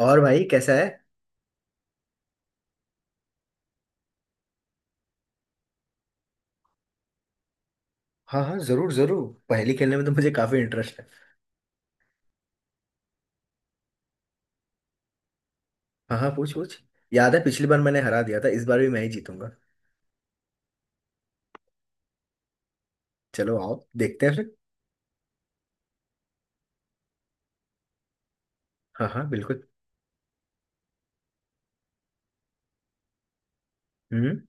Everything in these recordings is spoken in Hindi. और भाई कैसा है। हाँ हाँ, जरूर जरूर। पहेली खेलने में तो मुझे काफी इंटरेस्ट है। हाँ हाँ, पूछ पूछ। याद है पिछली बार मैंने हरा दिया था, इस बार भी मैं ही जीतूंगा। चलो आओ देखते हैं फिर। हाँ हाँ बिल्कुल। हम्म।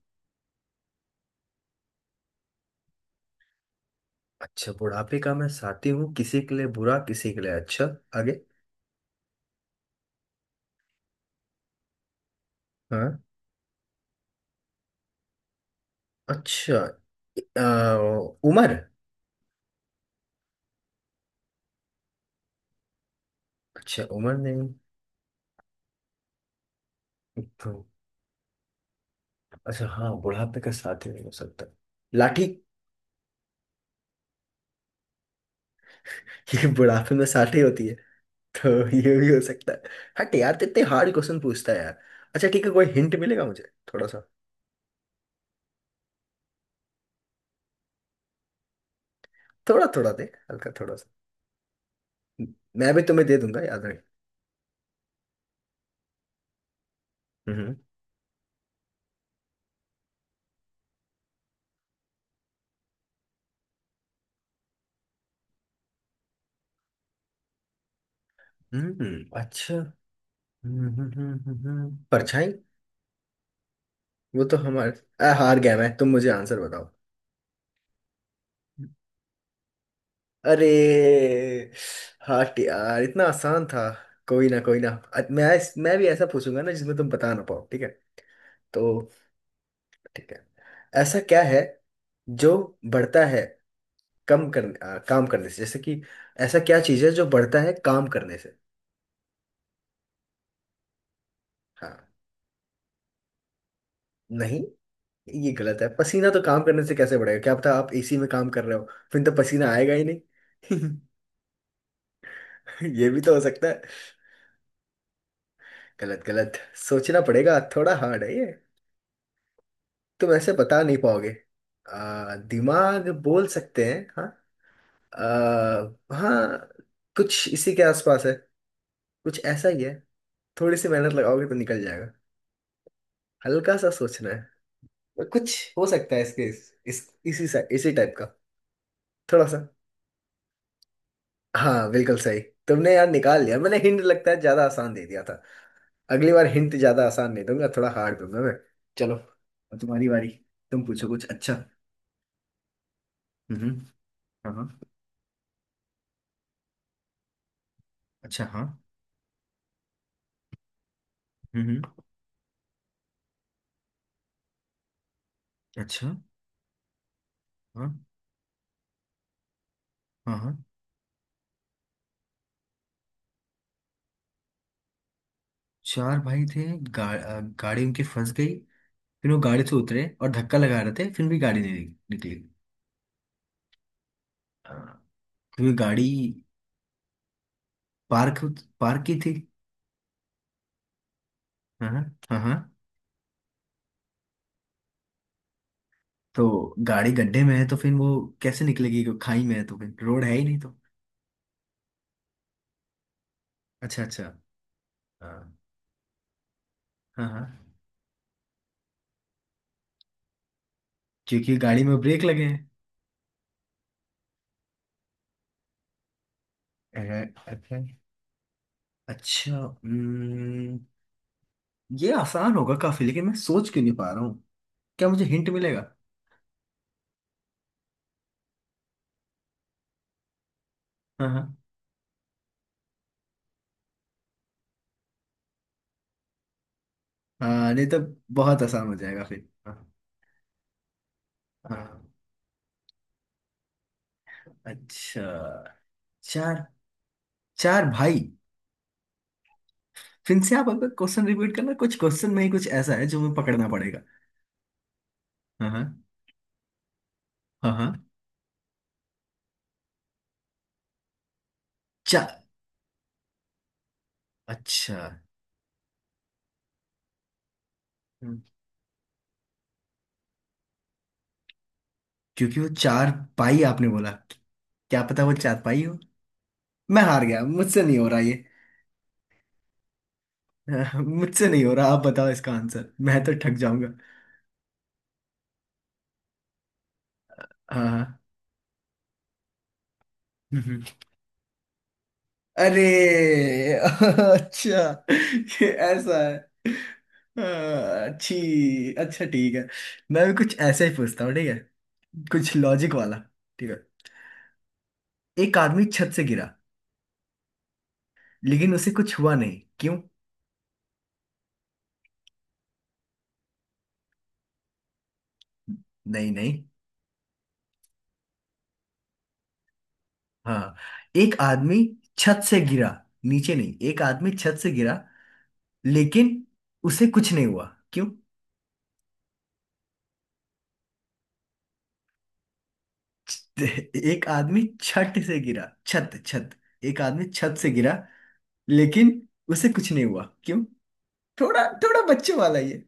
अच्छा, बुढ़ापे का मैं साथी हूँ, किसी के लिए बुरा किसी के लिए अच्छा। आगे। हाँ। अच्छा। आ, उमर। अच्छा, उमर नहीं। तो- अच्छा हाँ, बुढ़ापे का साथी नहीं हो सकता। लाठी ये बुढ़ापे में साथी होती है, तो ये भी हो सकता है। हट यार, तो इतने हार्ड क्वेश्चन पूछता है यार। अच्छा ठीक है, कोई हिंट मिलेगा मुझे थोड़ा सा। थोड़ा थोड़ा दे। हल्का थोड़ा सा। मैं भी तुम्हें दे दूंगा, याद रहे। हम्म। अच्छा। हम्म। परछाई। वो तो हमारे। हार गया मैं, तुम मुझे आंसर बताओ। अरे। हट यार, इतना आसान था। कोई ना, कोई ना। मैं। मैं भी ऐसा पूछूंगा ना जिसमें तुम बता ना पाओ, ठीक है। तो ठीक है। ऐसा क्या है जो बढ़ता है काम करने से, जैसे कि। ऐसा क्या चीज़ है जो बढ़ता है काम करने से। हाँ। नहीं, ये गलत है, पसीना तो काम करने से कैसे बढ़ेगा, क्या पता आप एसी में काम कर रहे हो, फिर तो पसीना आएगा ही नहीं। ये भी तो हो सकता है। गलत गलत। सोचना पड़ेगा, थोड़ा हार्ड है ये। तुम ऐसे बता नहीं पाओगे। दिमाग बोल सकते हैं हाँ। हाँ। कुछ इसी के आसपास है। कुछ ऐसा ही है। थोड़ी सी मेहनत लगाओगे तो निकल जाएगा। हल्का सा सोचना है। कुछ हो सकता है इसके इस इसी इसी टाइप का। थोड़ा सा। हाँ बिल्कुल सही। तुमने यार निकाल लिया, मैंने हिंट लगता है ज्यादा आसान दे दिया था। अगली बार हिंट ज्यादा आसान नहीं दूंगा, थोड़ा हार्ड दूंगा मैं। चलो, अब तुम्हारी बारी। तुम पूछो कुछ अच्छा। हम्म। हाँ हाँ। अच्छा हाँ। हम्म। अच्छा। हाँ हाँ। हाँ। चार भाई थे गाड़ी उनकी फंस गई। फिर वो गाड़ी से उतरे और धक्का लगा रहे थे फिर भी गाड़ी नहीं निकली। हाँ, क्योंकि गाड़ी पार्क। पार्क की थी। हाँ हाँ हाँ। तो गाड़ी गड्ढे में है तो फिर वो कैसे निकलेगी, क्यों- खाई में है तो फिर रोड है ही नहीं तो। अच्छा अच्छा। हाँ हाँ हाँ। क्योंकि गाड़ी में ब्रेक लगे हैं। अरे। अच्छा। अच्छा ये आसान होगा काफी लेकिन मैं सोच क्यों नहीं पा रहा हूँ। क्या मुझे हिंट मिलेगा। हाँ हाँ। हाँ नहीं तो बहुत आसान हो जाएगा फिर, हाँ। हाँ। अच्छा। चार। चार भाई। फिर से आप अगर क्वेश्चन रिपीट करना, कुछ क्वेश्चन में ही कुछ ऐसा है जो मैं पकड़ना पड़ेगा। हाँ हाँ। हाँ हाँ। चार। अच्छा। क्योंकि वो चार पाई आपने बोला, क्या पता वो चार पाई हो। मैं हार गया, मुझसे नहीं हो रहा ये। मुझसे नहीं हो रहा, आप बताओ इसका आंसर, मैं तो ठक जाऊंगा। हाँ। हम्म। अरे। अच्छा। ये ऐसा है। हाँ, अच्छी, अच्छा ठीक है। मैं भी कुछ ऐसा ही पूछता हूँ, ठीक है। कुछ लॉजिक वाला। ठीक है। एक आदमी छत से गिरा, लेकिन उसे कुछ हुआ नहीं, क्यों। नहीं नहीं। हाँ। एक आदमी छत से गिरा नीचे नहीं, एक आदमी छत से गिरा लेकिन उसे कुछ नहीं हुआ, क्यों। एक आदमी छत से गिरा, छत छत। एक आदमी छत से गिरा लेकिन उसे कुछ नहीं हुआ, क्यों। थोड़ा थोड़ा बच्चों वाला ये।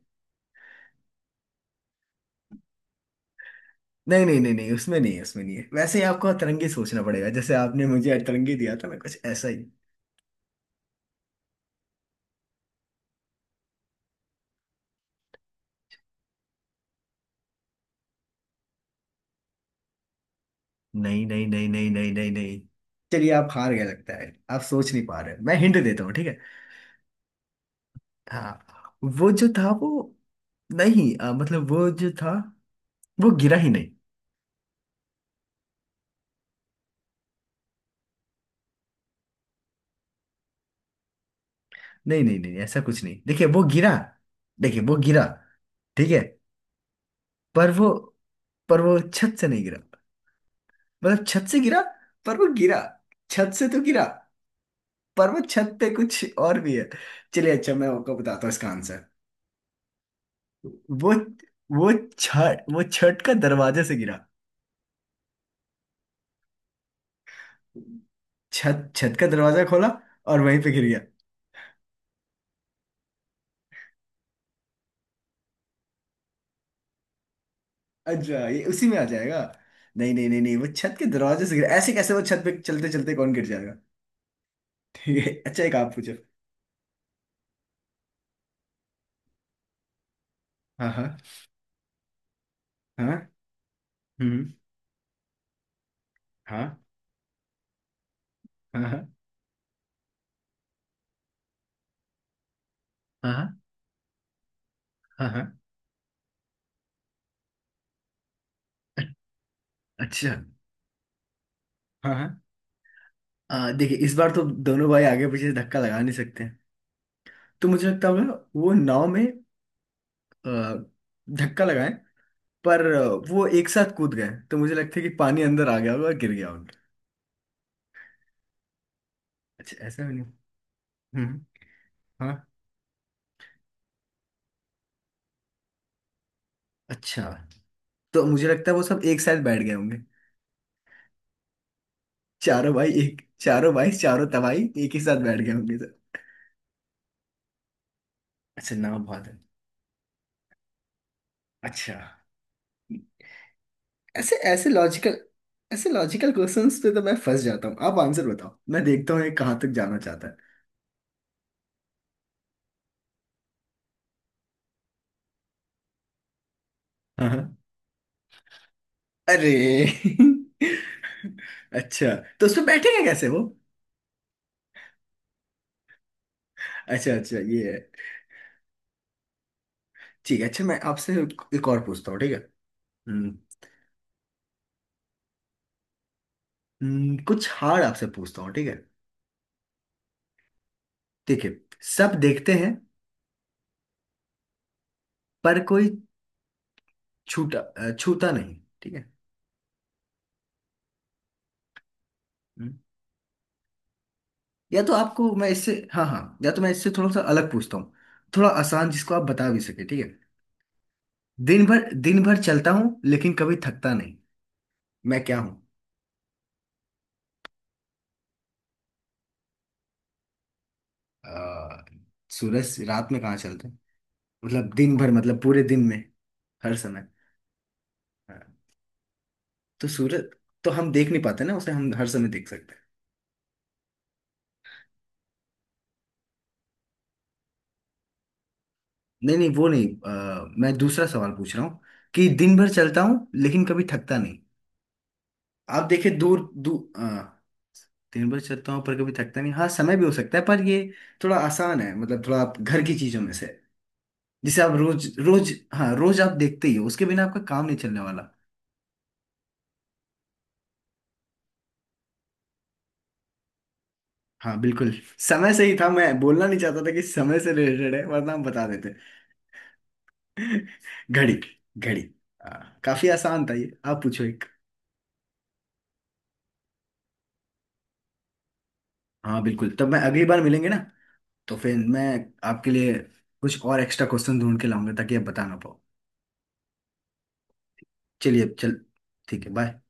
नहीं नहीं नहीं नहीं, उसमें नहीं है उसमें नहीं है, वैसे ही आपको अतरंगी सोचना पड़ेगा, जैसे आपने मुझे अतरंगी दिया था मैं कुछ ऐसा ही। नहीं नहीं नहीं नहीं नहीं नहीं नहीं। चलिए आप हार गए लगता है, आप सोच नहीं पा रहे, मैं हिंट देता हूँ ठीक है। हाँ। वो जो था वो, नहीं मतलब वो जो था, वो गिरा ही नहीं। नहीं नहीं नहीं ऐसा कुछ नहीं, देखिए वो गिरा। देखिए वो गिरा। ठीक है। पर वो, पर वो छत से नहीं गिरा। मतलब छत से गिरा पर वो गिरा, छत से तो गिरा। पर वो छत पे कुछ और भी है। चलिए अच्छा मैं आपको बताता हूँ इसका आंसर। वो वो छत, वो छत का दरवाजे से गिरा। छत, छत का दरवाजा खोला और वहीं पे गिर गया। अच्छा ये उसी में आ जाएगा। नहीं नहीं नहीं नहीं, वो छत के दरवाजे से गिर, ऐसे कैसे वो छत पे चलते चलते कौन गिर जाएगा। ठीक है अच्छा, एक आप पूछो। हाँ हाँ। हाँ। हम्म। हाँ हाँ। हाँ हाँ। हाँ। हाँ, अच्छा। हाँ हाँ। देखिए इस बार तो दोनों भाई आगे पीछे से धक्का लगा नहीं सकते हैं, तो मुझे लगता होगा वो नाव में आ, धक्का लगाए, पर वो एक साथ कूद गए तो मुझे लगता है कि पानी अंदर आ गया होगा और गिर गया होगा। अच्छा ऐसा भी नहीं। हम्म। हाँ। अच्छा। तो मुझे लगता है वो सब एक साथ बैठ गए होंगे। चारों भाई एक, चारों भाई चारों तबाही एक ही साथ बैठ गए होंगे सर। अच्छा नाम बहुत है। अच्छा। ऐसे ऐसे लॉजिकल। ऐसे लॉजिकल क्वेश्चंस पे तो मैं फंस जाता हूँ, आप आंसर बताओ मैं देखता हूँ ये कहाँ तक जाना चाहता है। हाँ हाँ। अरे। अच्छा। तो उसमें बैठेंगे कैसे वो। अच्छा अच्छा ये है। ठीक है अच्छा, मैं आपसे एक और पूछता हूँ ठीक है। हम्म। कुछ हार्ड आपसे पूछता हूँ ठीक है। ठीक है। सब देखते हैं पर कोई छूता नहीं। ठीक है। हम्म, या तो आपको मैं इससे, हाँ हाँ या तो मैं इससे थोड़ा सा अलग पूछता हूँ। थोड़ा आसान जिसको आप बता भी सके, ठीक है। दिन भर चलता हूँ लेकिन कभी थकता नहीं, मैं क्या हूँ। अ, सूरज रात में कहाँ चलता है, मतलब दिन भर मतलब पूरे दिन में, हर समय। हाँ, तो सूरज, तो हम देख नहीं पाते ना उसे, हम हर समय देख सकते हैं। नहीं नहीं वो नहीं, मैं दूसरा सवाल पूछ रहा हूँ, कि दिन भर चलता हूँ लेकिन कभी थकता नहीं। आप देखिए दूर दूर। हाँ, दिन भर चलता हूँ पर कभी थकता नहीं, हाँ समय भी हो सकता है पर ये थोड़ा आसान है, मतलब थोड़ा आप घर की चीजों में से, जिसे आप रोज रोज, हाँ रोज आप देखते ही हो, उसके बिना आपका काम नहीं चलने वाला। हाँ बिल्कुल। समय से ही था, मैं बोलना नहीं चाहता था कि समय से रिलेटेड है वरना हम बता देते। घड़ी। घड़ी। हाँ, काफी आसान था ये, आप पूछो एक। हाँ बिल्कुल, तब मैं, अगली बार मिलेंगे ना, तो फिर मैं आपके लिए कुछ और एक्स्ट्रा क्वेश्चन ढूंढ के लाऊंगा ताकि आप बता ना पाओ। चलिए चल, ठीक है बाय।